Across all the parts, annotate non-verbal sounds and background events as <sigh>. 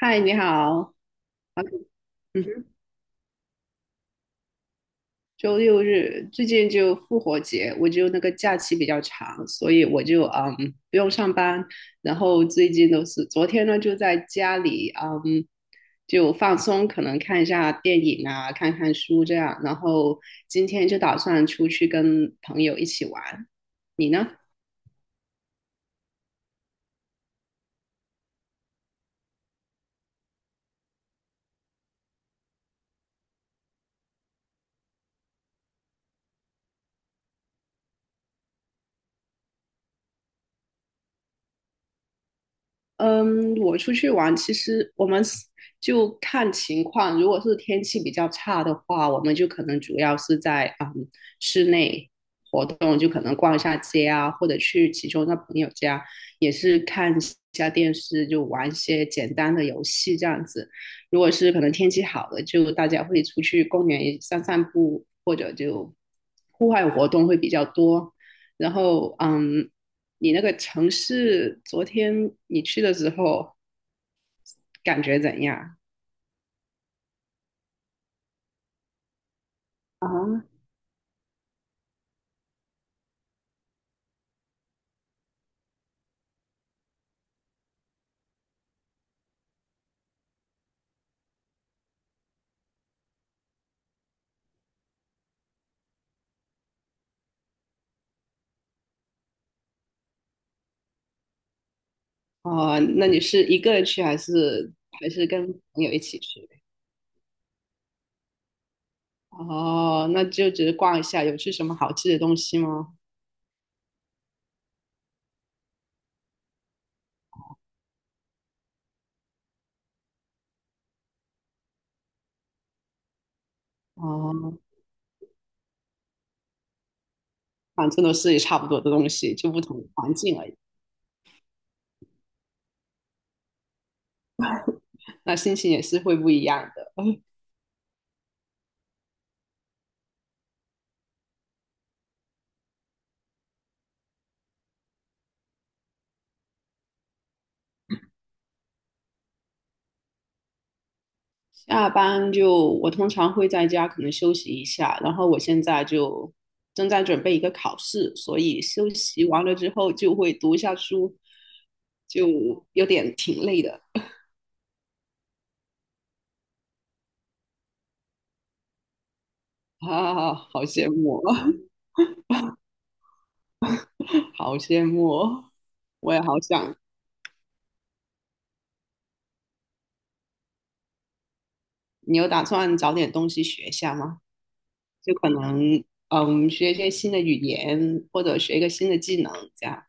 嗨，你好。嗯哼，周六日最近就复活节，我就那个假期比较长，所以我就不用上班。然后最近都是昨天呢就在家里就放松，可能看一下电影啊，看看书这样。然后今天就打算出去跟朋友一起玩。你呢？嗯，我出去玩，其实我们是就看情况。如果是天气比较差的话，我们就可能主要是在室内活动，就可能逛一下街啊，或者去其中的朋友家，也是看一下电视，就玩一些简单的游戏这样子。如果是可能天气好了，就大家会出去公园散散步，或者就户外活动会比较多。然后，嗯，你那个城市昨天你去的时候感觉怎样啊？哦，那你是一个人去还是跟朋友一起去？哦，那就只是逛一下，有吃什么好吃的东西吗？哦，反正都是差不多的东西，就不同环境而已，那心情也是会不一样的。<laughs> 下班就我通常会在家可能休息一下，然后我现在就正在准备一个考试，所以休息完了之后就会读一下书，就有点挺累的啊，好羡慕啊，<laughs> 好羡慕哦，我也好想。你有打算找点东西学一下吗？就可能嗯，学一些新的语言，或者学一个新的技能这样。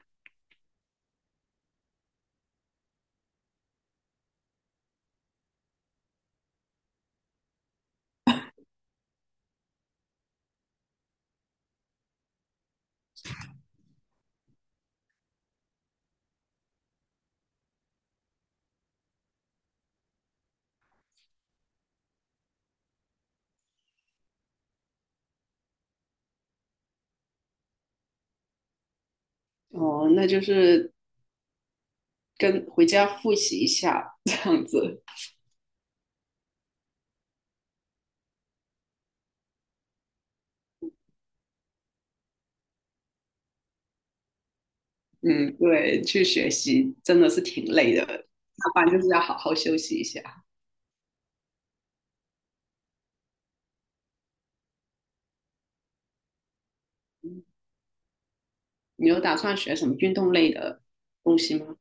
哦，那就是跟回家复习一下这样子。嗯，对，去学习真的是挺累的，下班就是要好好休息一下。你有打算学什么运动类的东西吗？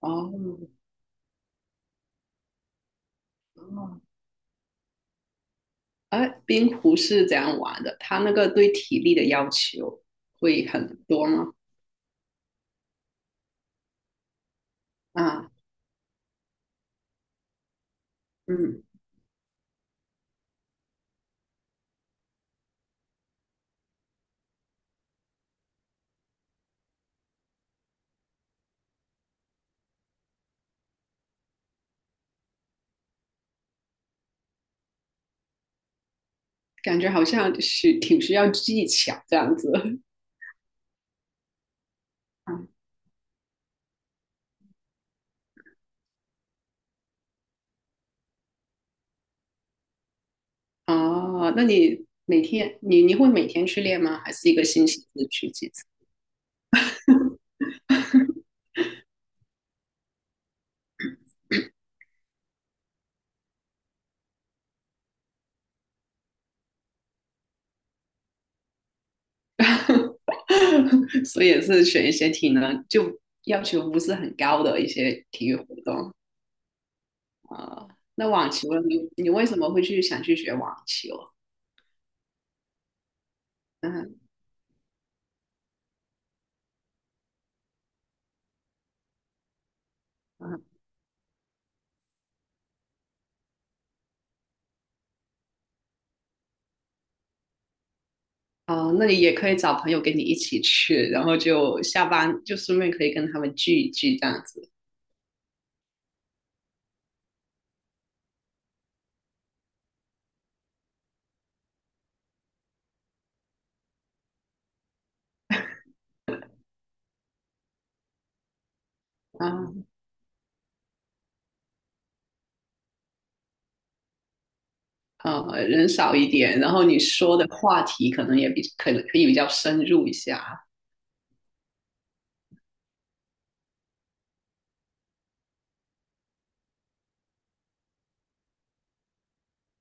哦，哦，哎，冰壶是怎样玩的？它那个对体力的要求会很多吗？啊，嗯，感觉好像是挺需要技巧这样子。<laughs> 嗯哦，那你每天你会每天去练吗？还是一个星期只去几次？<laughs> 所以也是选一些体能就要求不是很高的一些体育活动啊、呃那网球呢你为什么会去想去学网球？嗯嗯。哦，那你也可以找朋友跟你一起去，然后就下班就顺便可以跟他们聚一聚这样子啊，呃，人少一点，然后你说的话题可能也比可能可以比较深入一下，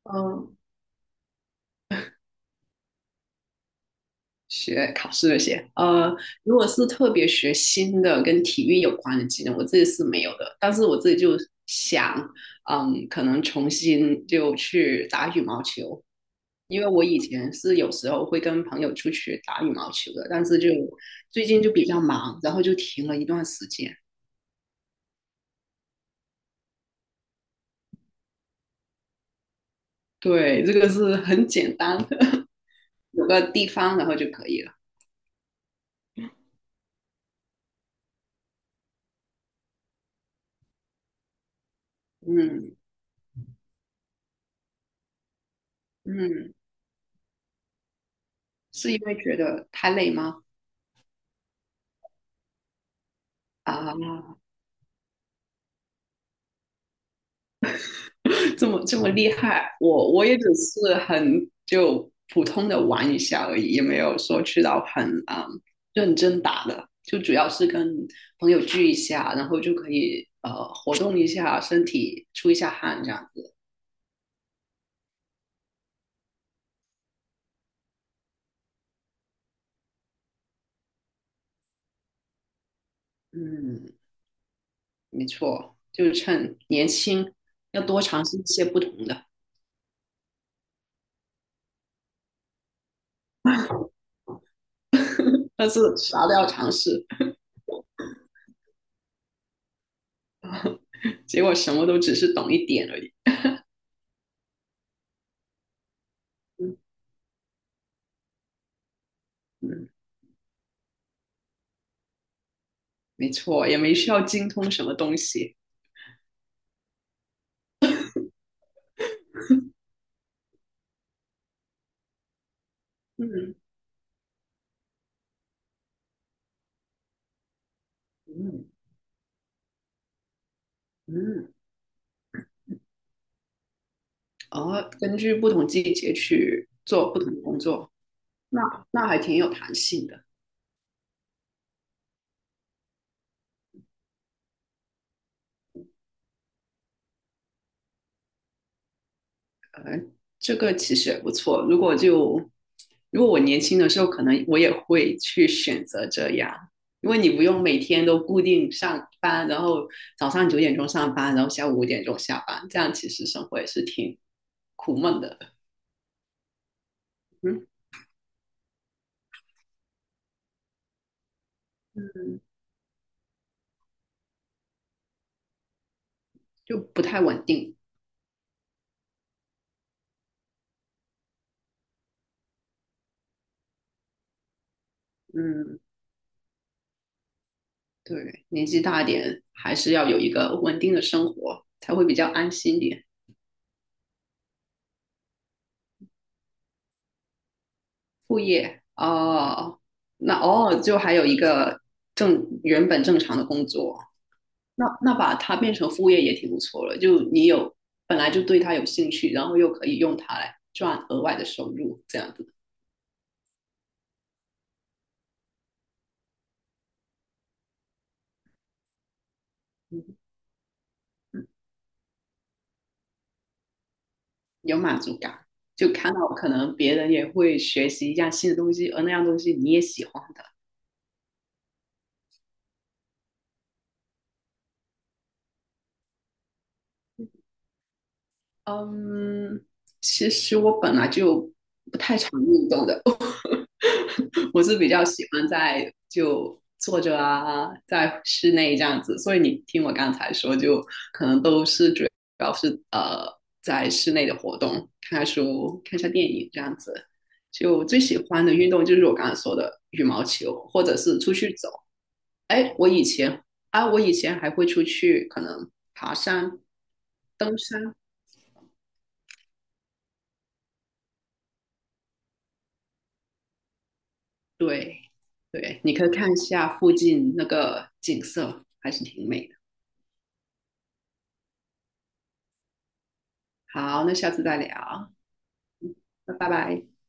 嗯，学考试这些，呃，如果是特别学新的跟体育有关的技能，我自己是没有的。但是我自己就想，嗯，可能重新就去打羽毛球，因为我以前是有时候会跟朋友出去打羽毛球的，但是就最近就比较忙，然后就停了一段时间。对，这个是很简单的，<laughs> 有个地方然后就可以了。嗯嗯，是因为觉得太累吗？啊。<laughs> 这么厉害，我也只是很就普通的玩一下而已，也没有说去到很认真打的，就主要是跟朋友聚一下，然后就可以活动一下身体，出一下汗这样子。嗯，没错，就是趁年轻要多尝试一些不同的，但是啥都要尝试，结果什么都只是懂一点而已。嗯嗯，没错，也没需要精通什么东西。嗯嗯嗯。哦，根据不同季节去做不同的工作，那那还挺有弹性的。哎，这个其实也不错。如果就如果我年轻的时候，可能我也会去选择这样，因为你不用每天都固定上班，然后早上9点钟上班，然后下午5点钟下班，这样其实生活也是挺苦闷的。嗯，嗯就不太稳定。嗯，对，年纪大一点还是要有一个稳定的生活，才会比较安心一点。副业哦，那偶尔就还有一个正原本正常的工作，那把它变成副业也挺不错了。就你有本来就对它有兴趣，然后又可以用它来赚额外的收入，这样子，嗯有满足感。就看到可能别人也会学习一样新的东西，而那样东西你也喜欢的。嗯，其实我本来就不太常运动的，<laughs> <laughs> 我是比较喜欢在就坐着啊，在室内这样子，所以你听我刚才说，就可能都是主要是在室内的活动，看看书、看一下电影这样子。就最喜欢的运动就是我刚才说的羽毛球，或者是出去走。哎，我以前还会出去可能爬山、登山，对对，你可以看一下附近那个景色，还是挺美的。好，那下次再聊，那拜拜。